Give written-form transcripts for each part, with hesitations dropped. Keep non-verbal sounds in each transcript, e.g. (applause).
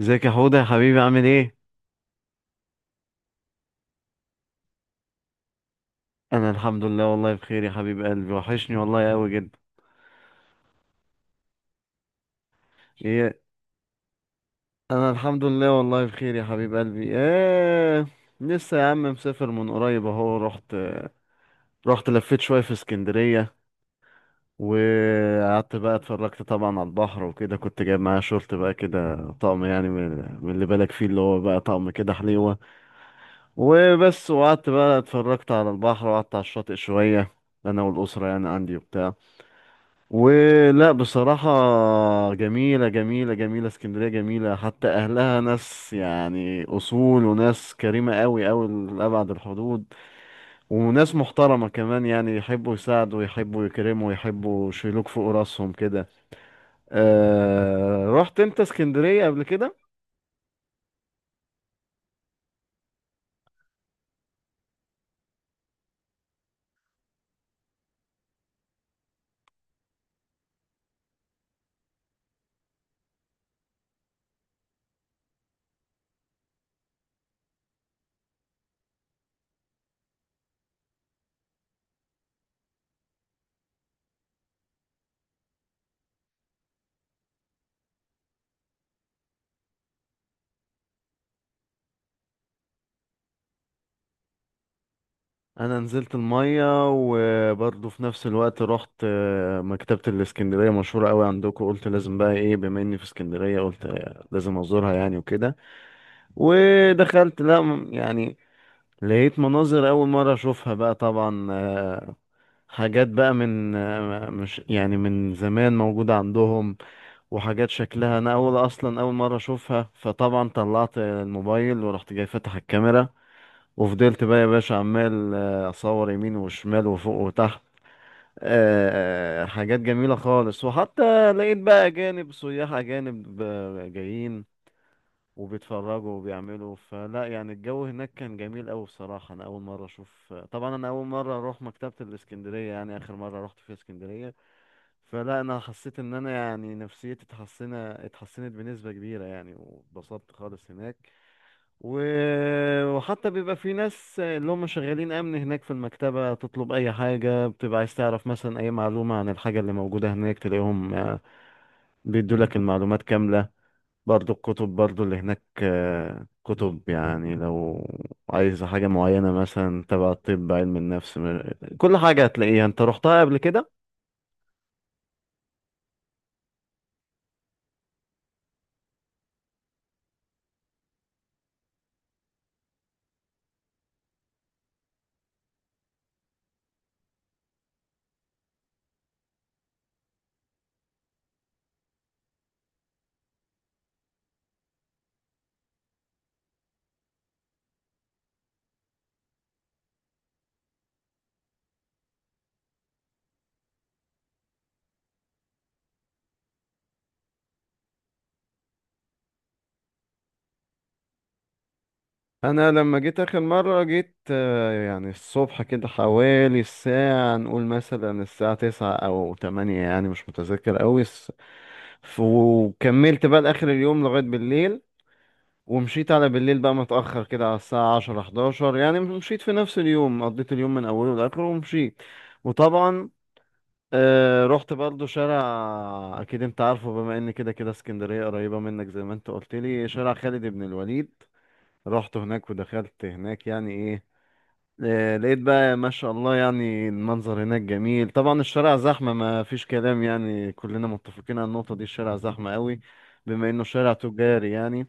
ازيك يا حوده يا حبيبي، عامل ايه؟ انا الحمد لله والله بخير يا حبيب قلبي، وحشني والله قوي جدا. ايه؟ انا الحمد لله والله بخير يا حبيب قلبي. ايه؟ لسه يا عم مسافر، من قريب اهو رحت رحت لفيت شويه في اسكندريه. وقعدت بقى اتفرجت طبعا على البحر وكده، كنت جايب معايا شورت بقى كده طقم يعني من اللي بالك فيه اللي هو بقى طقم كده حليوه. وبس. وقعدت بقى اتفرجت على البحر وقعدت على الشاطئ شويه، انا والاسره يعني عندي وبتاع. ولا بصراحة، جميلة جميلة جميلة اسكندرية جميلة، حتى أهلها ناس يعني أصول وناس كريمة أوي أوي لأبعد الحدود. وناس محترمة كمان، يعني يحبوا يساعدوا يحبوا يكرموا يحبوا يشيلوك فوق راسهم كده. أه رحت أنت اسكندرية قبل كده؟ أنا نزلت المية. وبرضه في نفس الوقت رحت مكتبة الاسكندرية مشهورة أوي عندكم، قلت لازم بقى إيه بما إني في اسكندرية، قلت لازم أزورها يعني وكده. ودخلت لا يعني لقيت مناظر أول مرة أشوفها بقى طبعا. حاجات بقى من مش يعني من زمان موجودة عندهم. وحاجات شكلها أنا أول أصلا أول مرة أشوفها، فطبعا طلعت الموبايل ورحت جاي فاتح الكاميرا. وفضلت بقى يا باشا عمال أصور يمين وشمال وفوق وتحت. حاجات جميلة خالص، وحتى لقيت بقى أجانب سياح أجانب جايين وبيتفرجوا وبيعملوا فلا. يعني الجو هناك كان جميل أوي بصراحة، أنا أول مرة أشوف طبعا، أنا أول مرة أروح مكتبة الإسكندرية يعني، آخر مرة رحت فيها إسكندرية. فلا أنا حسيت إن أنا يعني نفسيتي اتحسنت اتحسنت بنسبة كبيرة يعني، واتبسطت خالص هناك. و... وحتى بيبقى في ناس اللي هم شغالين أمن هناك في المكتبة، تطلب أي حاجة، بتبقى عايز تعرف مثلا أي معلومة عن الحاجة اللي موجودة هناك، تلاقيهم بيدوا لك المعلومات كاملة. برضو الكتب برضو اللي هناك كتب يعني، لو عايز حاجة معينة مثلا تبع الطب علم النفس كل حاجة هتلاقيها. انت رحتها قبل كده؟ انا لما جيت اخر مرة جيت يعني الصبح كده حوالي الساعة، نقول مثلا الساعة 9 او 8، يعني مش متذكر اوي وكملت بقى لاخر اليوم لغاية بالليل. ومشيت على بالليل بقى، متأخر كده على الساعة 10 11، يعني مشيت في نفس اليوم، قضيت اليوم من أوله لآخره ومشيت. وطبعا أه رحت برضو شارع، اكيد انت عارفه بما ان كده كده اسكندريه قريبه منك زي ما انت قلت لي، شارع خالد بن الوليد. رحت هناك ودخلت هناك يعني ايه، أه لقيت بقى ما شاء الله، يعني المنظر هناك جميل طبعا. الشارع زحمه ما فيش كلام، يعني كلنا متفقين على النقطه دي، الشارع زحمه قوي بما انه شارع تجاري يعني.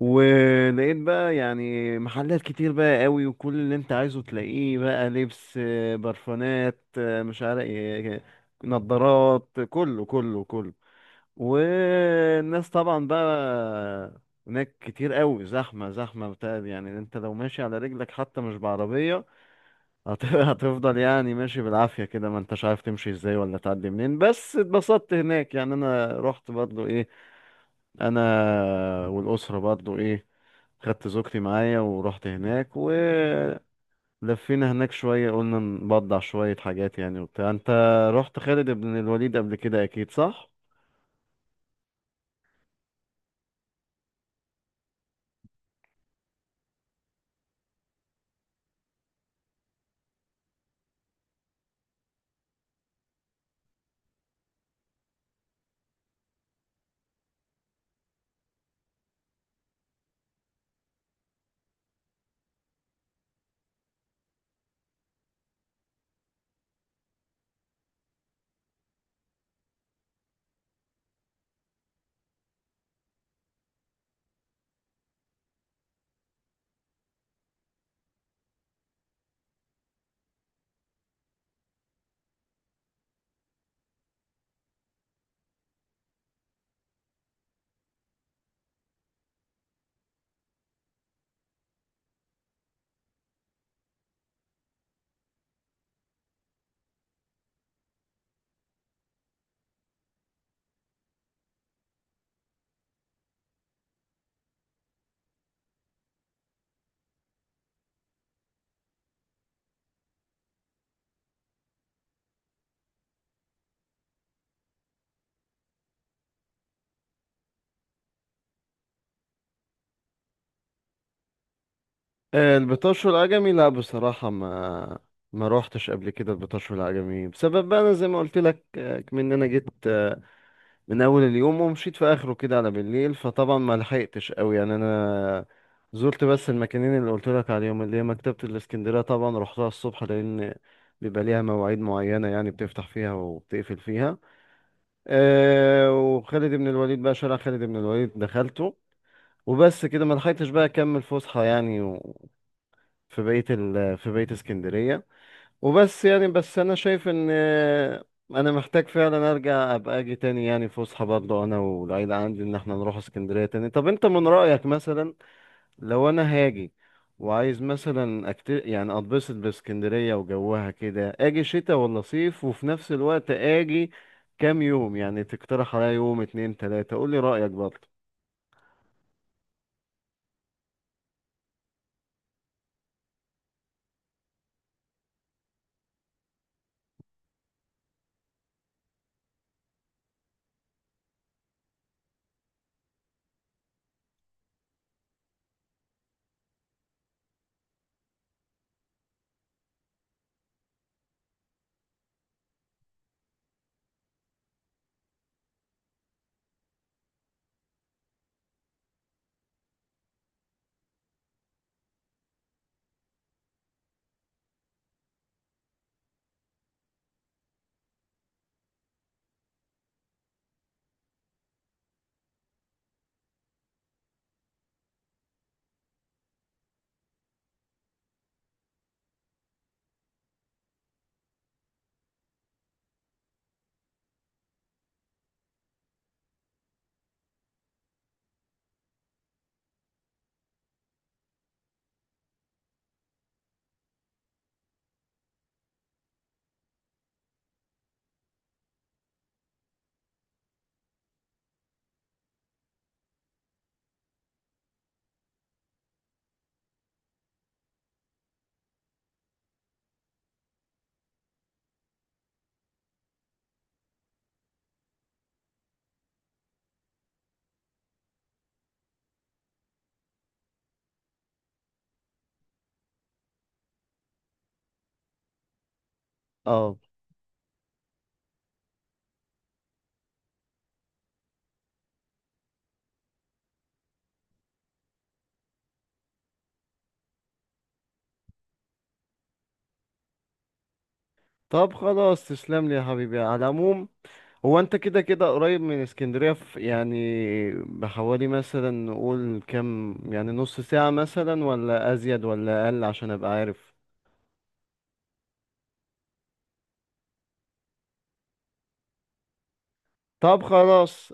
ولقيت بقى يعني محلات كتير بقى قوي، وكل اللي انت عايزه تلاقيه بقى، لبس برفانات مش عارف ايه، نظارات، كله كله كله. والناس طبعا بقى هناك كتير قوي، زحمة زحمة بتاع يعني، انت لو ماشي على رجلك حتى مش بعربية، (laughs) هتفضل يعني ماشي بالعافية كده، ما انتش عارف تمشي ازاي ولا تعدي منين. بس اتبسطت هناك يعني، انا رحت برضو ايه، انا والاسره برضو ايه، خدت زوجتي معايا ورحت هناك ولفينا هناك شويه، قلنا نبضع شويه حاجات يعني وبتاع. انت رحت خالد بن الوليد قبل كده اكيد صح؟ البطاش والعجمي لا بصراحه ما روحتش قبل كده البطاش والعجمي، بسبب بقى انا زي ما قلت لك من إن انا جيت من اول اليوم ومشيت في اخره كده على بالليل، فطبعا ما لحقتش قوي يعني، انا زرت بس المكانين اللي قلت لك عليهم، اللي هي مكتبة الاسكندرية طبعا، رحتها الصبح لان بيبقى ليها مواعيد معينة يعني بتفتح فيها وبتقفل فيها. أه وخالد بن الوليد بقى، شارع خالد بن الوليد دخلته وبس كده، ما لحقتش بقى اكمل فسحة يعني، في بقية في بقية اسكندرية. وبس يعني، بس انا شايف ان انا محتاج فعلا ارجع ابقى اجي تاني، يعني فسحه برضه انا والعيله، عندي ان احنا نروح اسكندريه تاني. طب انت من رايك مثلا لو انا هاجي وعايز مثلا يعني اتبسط باسكندريه وجوها كده، اجي شتاء ولا صيف، وفي نفس الوقت اجي كام يوم يعني؟ تقترح عليا يوم 2 3، قول لي رايك برضه. اه. طب خلاص، تسلم لي يا حبيبي على العموم. هو انت كده كده قريب من اسكندرية في يعني، بحوالي مثلا نقول كام، يعني نص ساعة مثلا ولا ازيد ولا اقل، عشان ابقى عارف. طب خلاص،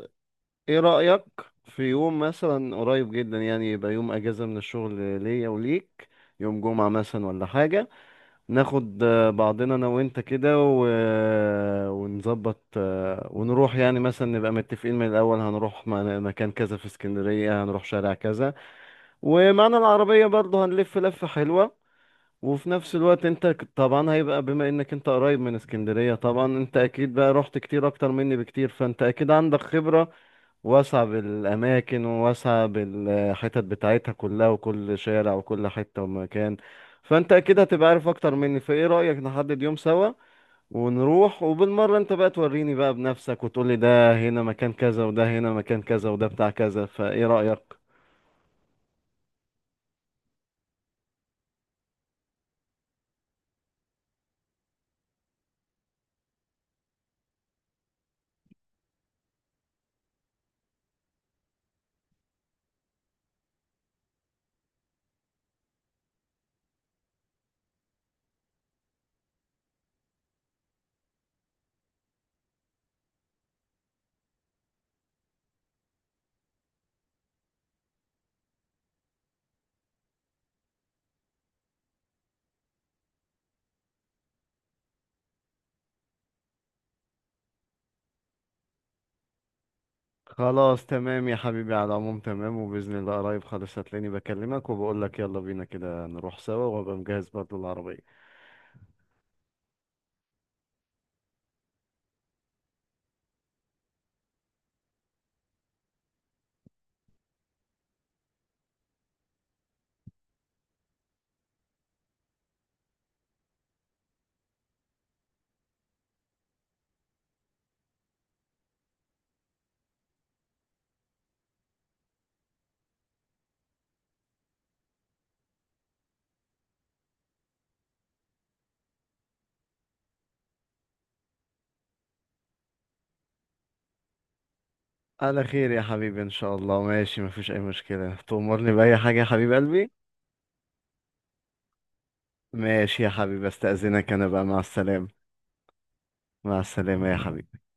ايه رأيك في يوم مثلا قريب جدا، يعني يبقى يوم اجازة من الشغل ليا وليك، يوم جمعة مثلا ولا حاجة. ناخد بعضنا انا وانت كده، ونظبط ونروح، يعني مثلا نبقى متفقين من الاول، هنروح مكان كذا في اسكندرية، هنروح شارع كذا. ومعانا العربية برضه هنلف لفة حلوة. وفي نفس الوقت انت طبعا هيبقى بما انك انت قريب من اسكندرية، طبعا انت اكيد بقى رحت كتير اكتر مني بكتير، فانت اكيد عندك خبرة واسعة بالاماكن وواسعة بالحتت بتاعتها كلها، وكل شارع وكل حتة ومكان، فانت اكيد هتبقى عارف اكتر مني. فايه رأيك نحدد يوم سوا ونروح، وبالمرة انت بقى توريني بقى بنفسك وتقولي ده هنا مكان كذا وده هنا مكان كذا وده بتاع كذا. فايه رأيك؟ خلاص تمام يا حبيبي، على العموم تمام، وبإذن الله قريب خالص هتلاقيني بكلمك وبقول لك يلا بينا كده نروح سوا، وابقى مجهز برضه العربية. على خير يا حبيبي ان شاء الله. ماشي، مفيش اي مشكلة. تأمرني بأي حاجة يا حبيب قلبي. ماشي يا حبيبي استأذنك، انا بقى، مع السلامة. مع السلامة يا حبيبي.